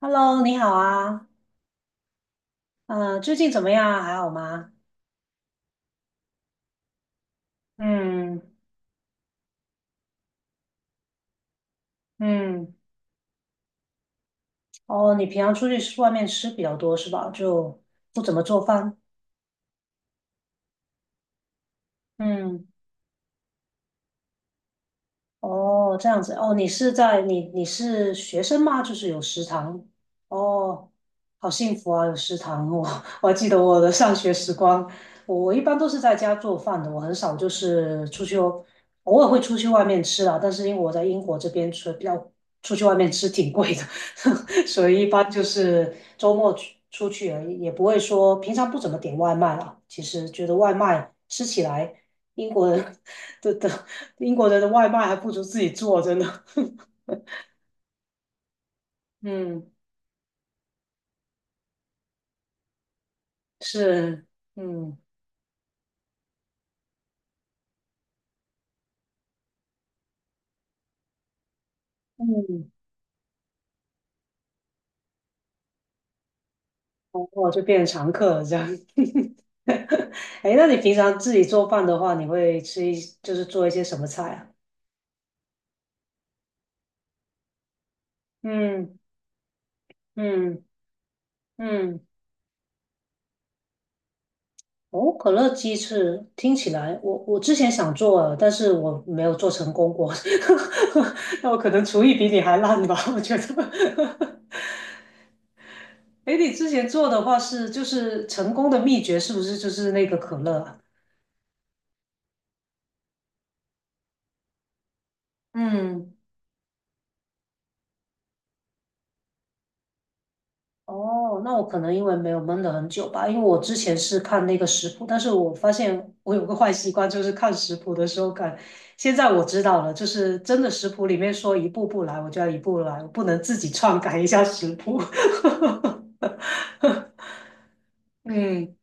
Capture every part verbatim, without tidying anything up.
Hello，你好啊，呃，最近怎么样啊还好吗？嗯嗯。哦，你平常出去吃外面吃比较多是吧？就不怎么做饭。嗯。哦，这样子哦，你是在你你是学生吗？就是有食堂。哦，好幸福啊，有食堂我 我还记得我的上学时光，我我一般都是在家做饭的，我很少就是出去。哦，偶尔会出去外面吃啊，但是因为我在英国这边吃比较出去外面吃挺贵的。所以一般就是周末去出去而已，也不会说平常不怎么点外卖了。其实觉得外卖吃起来。英国人的的英国人的外卖还不如自己做，真的。嗯，是，嗯嗯。然后就变成常客了这样。哎，那你平常自己做饭的话，你会吃一就是做一些什么菜啊？嗯嗯嗯。哦，可乐鸡翅听起来，我我之前想做了，但是我没有做成功过。那我可能厨艺比你还烂吧，我觉得。哎，你之前做的话是就是成功的秘诀是不是就是那个可乐啊？嗯。哦，那我可能因为没有闷了很久吧，因为我之前是看那个食谱，但是我发现我有个坏习惯，就是看食谱的时候看。现在我知道了，就是真的食谱里面说一步步来，我就要一步步来，我不能自己篡改一下食谱。嗯，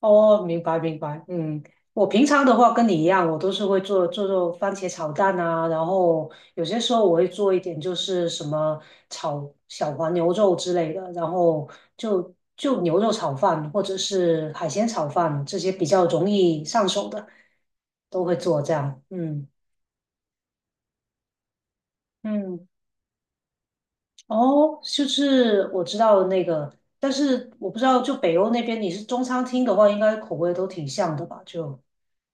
哦，明白明白，嗯，我平常的话跟你一样，我都是会做做做番茄炒蛋啊，然后有些时候我会做一点就是什么炒小黄牛肉之类的，然后就就牛肉炒饭或者是海鲜炒饭这些比较容易上手的，都会做这样，嗯嗯。哦，就是我知道那个，但是我不知道就北欧那边你是中餐厅的话，应该口味都挺像的吧，就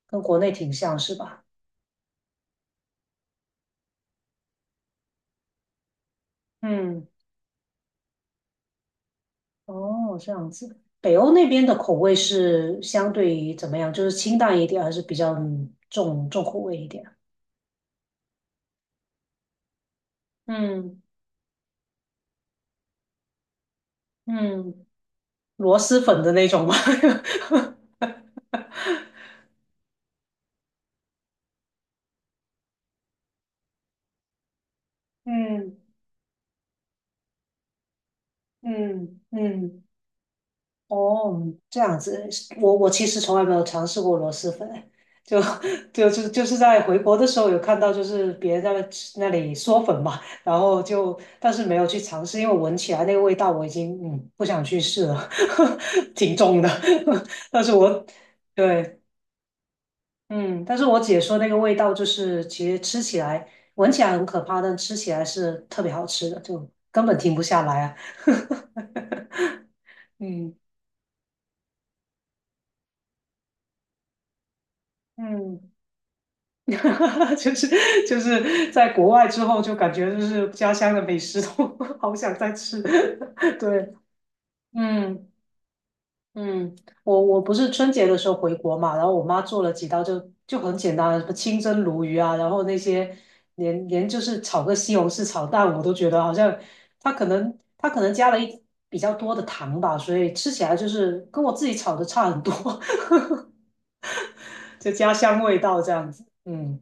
跟国内挺像是吧？嗯。哦，这样子。北欧那边的口味是相对于怎么样？就是清淡一点，还是比较嗯重重口味一点？嗯嗯，螺蛳粉的那种吗？嗯嗯嗯。哦，这样子，我我其实从来没有尝试过螺蛳粉，就 就就就是在回国的时候有看到，就是别人在那吃那里嗦粉嘛，然后就但是没有去尝试，因为闻起来那个味道我已经嗯不想去试了，挺重的。但是我对嗯，但是我姐说那个味道就是其实吃起来闻起来很可怕，但吃起来是特别好吃的，就根本停不下来啊。嗯嗯。哈哈，就是就是在国外之后，就感觉就是家乡的美食都 好想再吃。对，嗯嗯，我我不是春节的时候回国嘛，然后我妈做了几道就就很简单的，什么清蒸鲈鱼啊，然后那些连连就是炒个西红柿炒蛋，我都觉得好像她可能她可能加了一比较多的糖吧，所以吃起来就是跟我自己炒的差很多，就家乡味道这样子。嗯，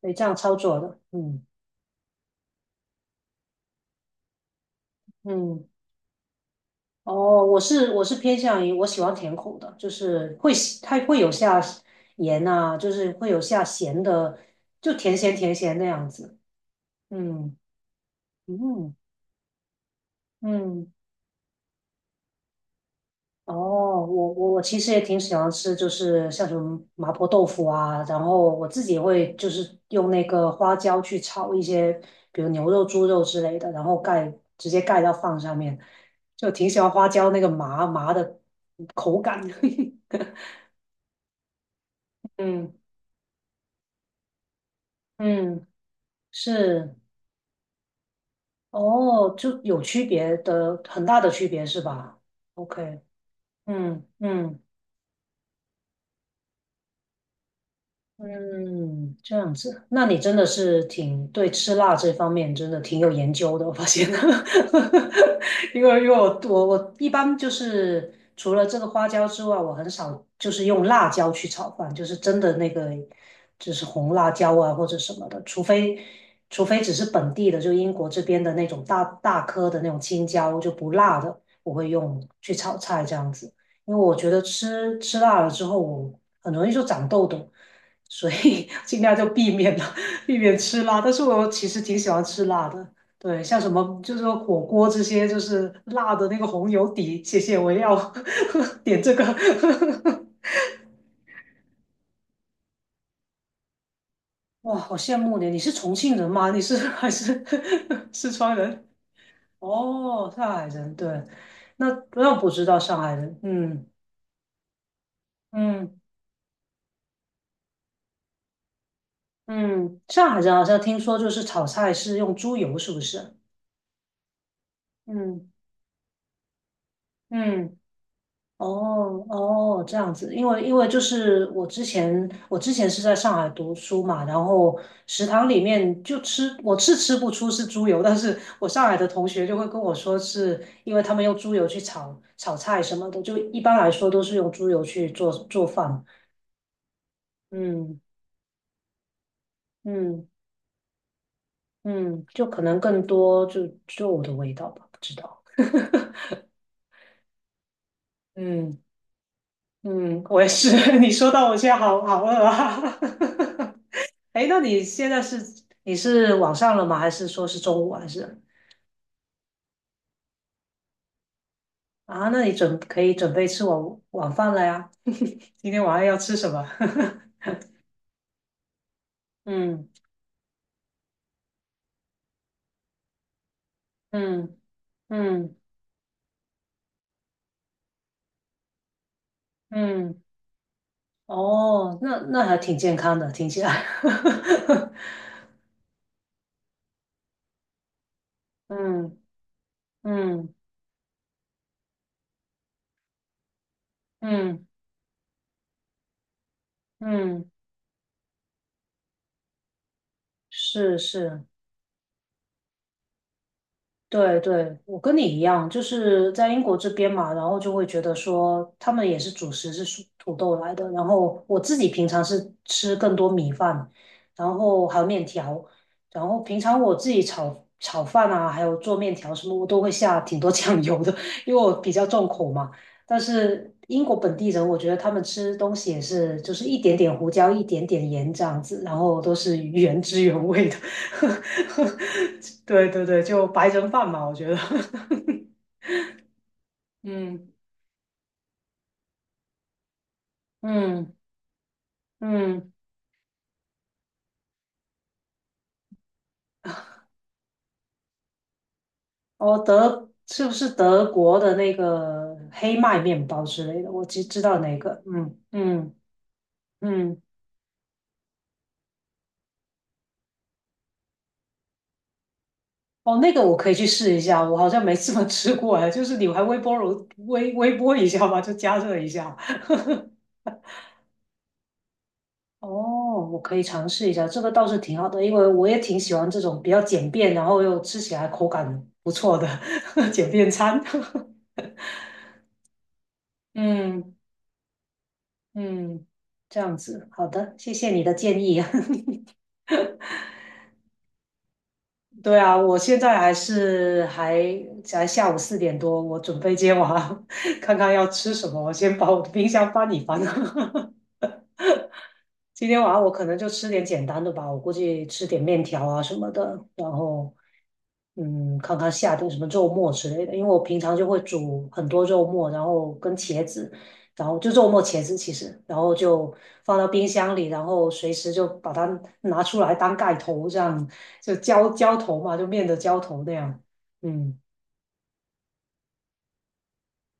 所以这样操作的，嗯嗯。哦，我是我是偏向于我喜欢甜口的，就是会喜它会有下盐呐、就是会有下咸的，就甜咸甜咸那样子。嗯嗯嗯，哦，我我我其实也挺喜欢吃，就是像什么麻婆豆腐啊，然后我自己也会就是用那个花椒去炒一些，比如牛肉、猪肉之类的，然后盖直接盖到饭上面，就挺喜欢花椒那个麻麻的口感。嗯嗯。是哦，就有区别的，很大的区别是吧？O K，嗯嗯。嗯，这样子，那你真的是挺对吃辣这方面真的挺有研究的，我发现，因为因为我我我一般就是除了这个花椒之外，我很少就是用辣椒去炒饭，就是真的那个就是红辣椒啊或者什么的，除非除非只是本地的，就英国这边的那种大大颗的那种青椒就不辣的，我会用去炒菜这样子，因为我觉得吃吃辣了之后，我很容易就长痘痘。所以 尽量就避免了，避免吃辣。但是我其实挺喜欢吃辣的，对，像什么就是说火锅这些，就是辣的那个红油底，谢谢，我要 点这个。哇，好羡慕你！你是重庆人吗？你是还是 四川人？哦，上海人，对，那那不知道上海人，嗯嗯嗯，上海人好像听说就是炒菜是用猪油，是不是？嗯嗯。哦哦，这样子，因为因为就是我之前我之前是在上海读书嘛，然后食堂里面就吃我是吃不出是猪油，但是我上海的同学就会跟我说，是因为他们用猪油去炒炒菜什么的，就一般来说都是用猪油去做做饭，嗯嗯嗯，就可能更多就就我的味道吧，不知道，嗯嗯，我也是，你说到我现在好好饿啊。哎，那你现在是你是晚上了吗？还是说是中午啊还是啊？那你准可以准备吃晚晚饭了呀。今天晚上要吃什么？嗯嗯嗯嗯，哦，那那还挺健康的，听起来。嗯嗯嗯嗯，是是。对对，我跟你一样，就是在英国这边嘛，然后就会觉得说他们也是主食是属土豆来的，然后我自己平常是吃更多米饭，然后还有面条，然后平常我自己炒炒饭啊，还有做面条什么，我都会下挺多 酱油的，因为我比较重口嘛。但是英国本地人，我觉得他们吃东西也是，就是一点点胡椒，一点点盐这样子，然后都是原汁原味的。对对对，就白人饭嘛，我觉得。嗯嗯嗯，哦，德是不是德国的那个黑麦面包之类的？我只知道那个。嗯嗯嗯，哦，那个我可以去试一下，我好像没怎么吃过哎，就是你还微波炉微微波一下吧，就加热一下。哦，我可以尝试一下，这个倒是挺好的，因为我也挺喜欢这种比较简便，然后又吃起来口感不错的 简便餐。嗯嗯，这样子，好的，谢谢你的建议。对啊，我现在还是还才下午四点多，我准备接娃，看看要吃什么，我先把我的冰箱翻一翻。今天晚上我可能就吃点简单的吧，我估计吃点面条啊什么的，然后嗯，看看下顿什么肉末之类的，因为我平常就会煮很多肉末，然后跟茄子，然后就肉末茄子其实，然后就放到冰箱里，然后随时就把它拿出来当盖头，这样就浇浇头嘛，就面的浇头那样。嗯，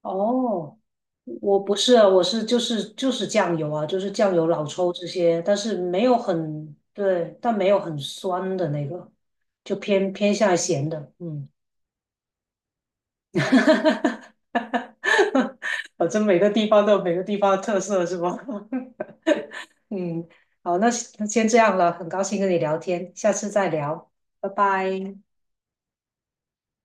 哦，我不是啊，我是就是就是酱油啊，就是酱油、老抽这些，但是没有很，对，但没有很酸的那个，就偏偏向咸的，嗯。反正每个地方都有每个地方的特色，是吧？嗯，好，那那先这样了，很高兴跟你聊天，下次再聊，拜拜。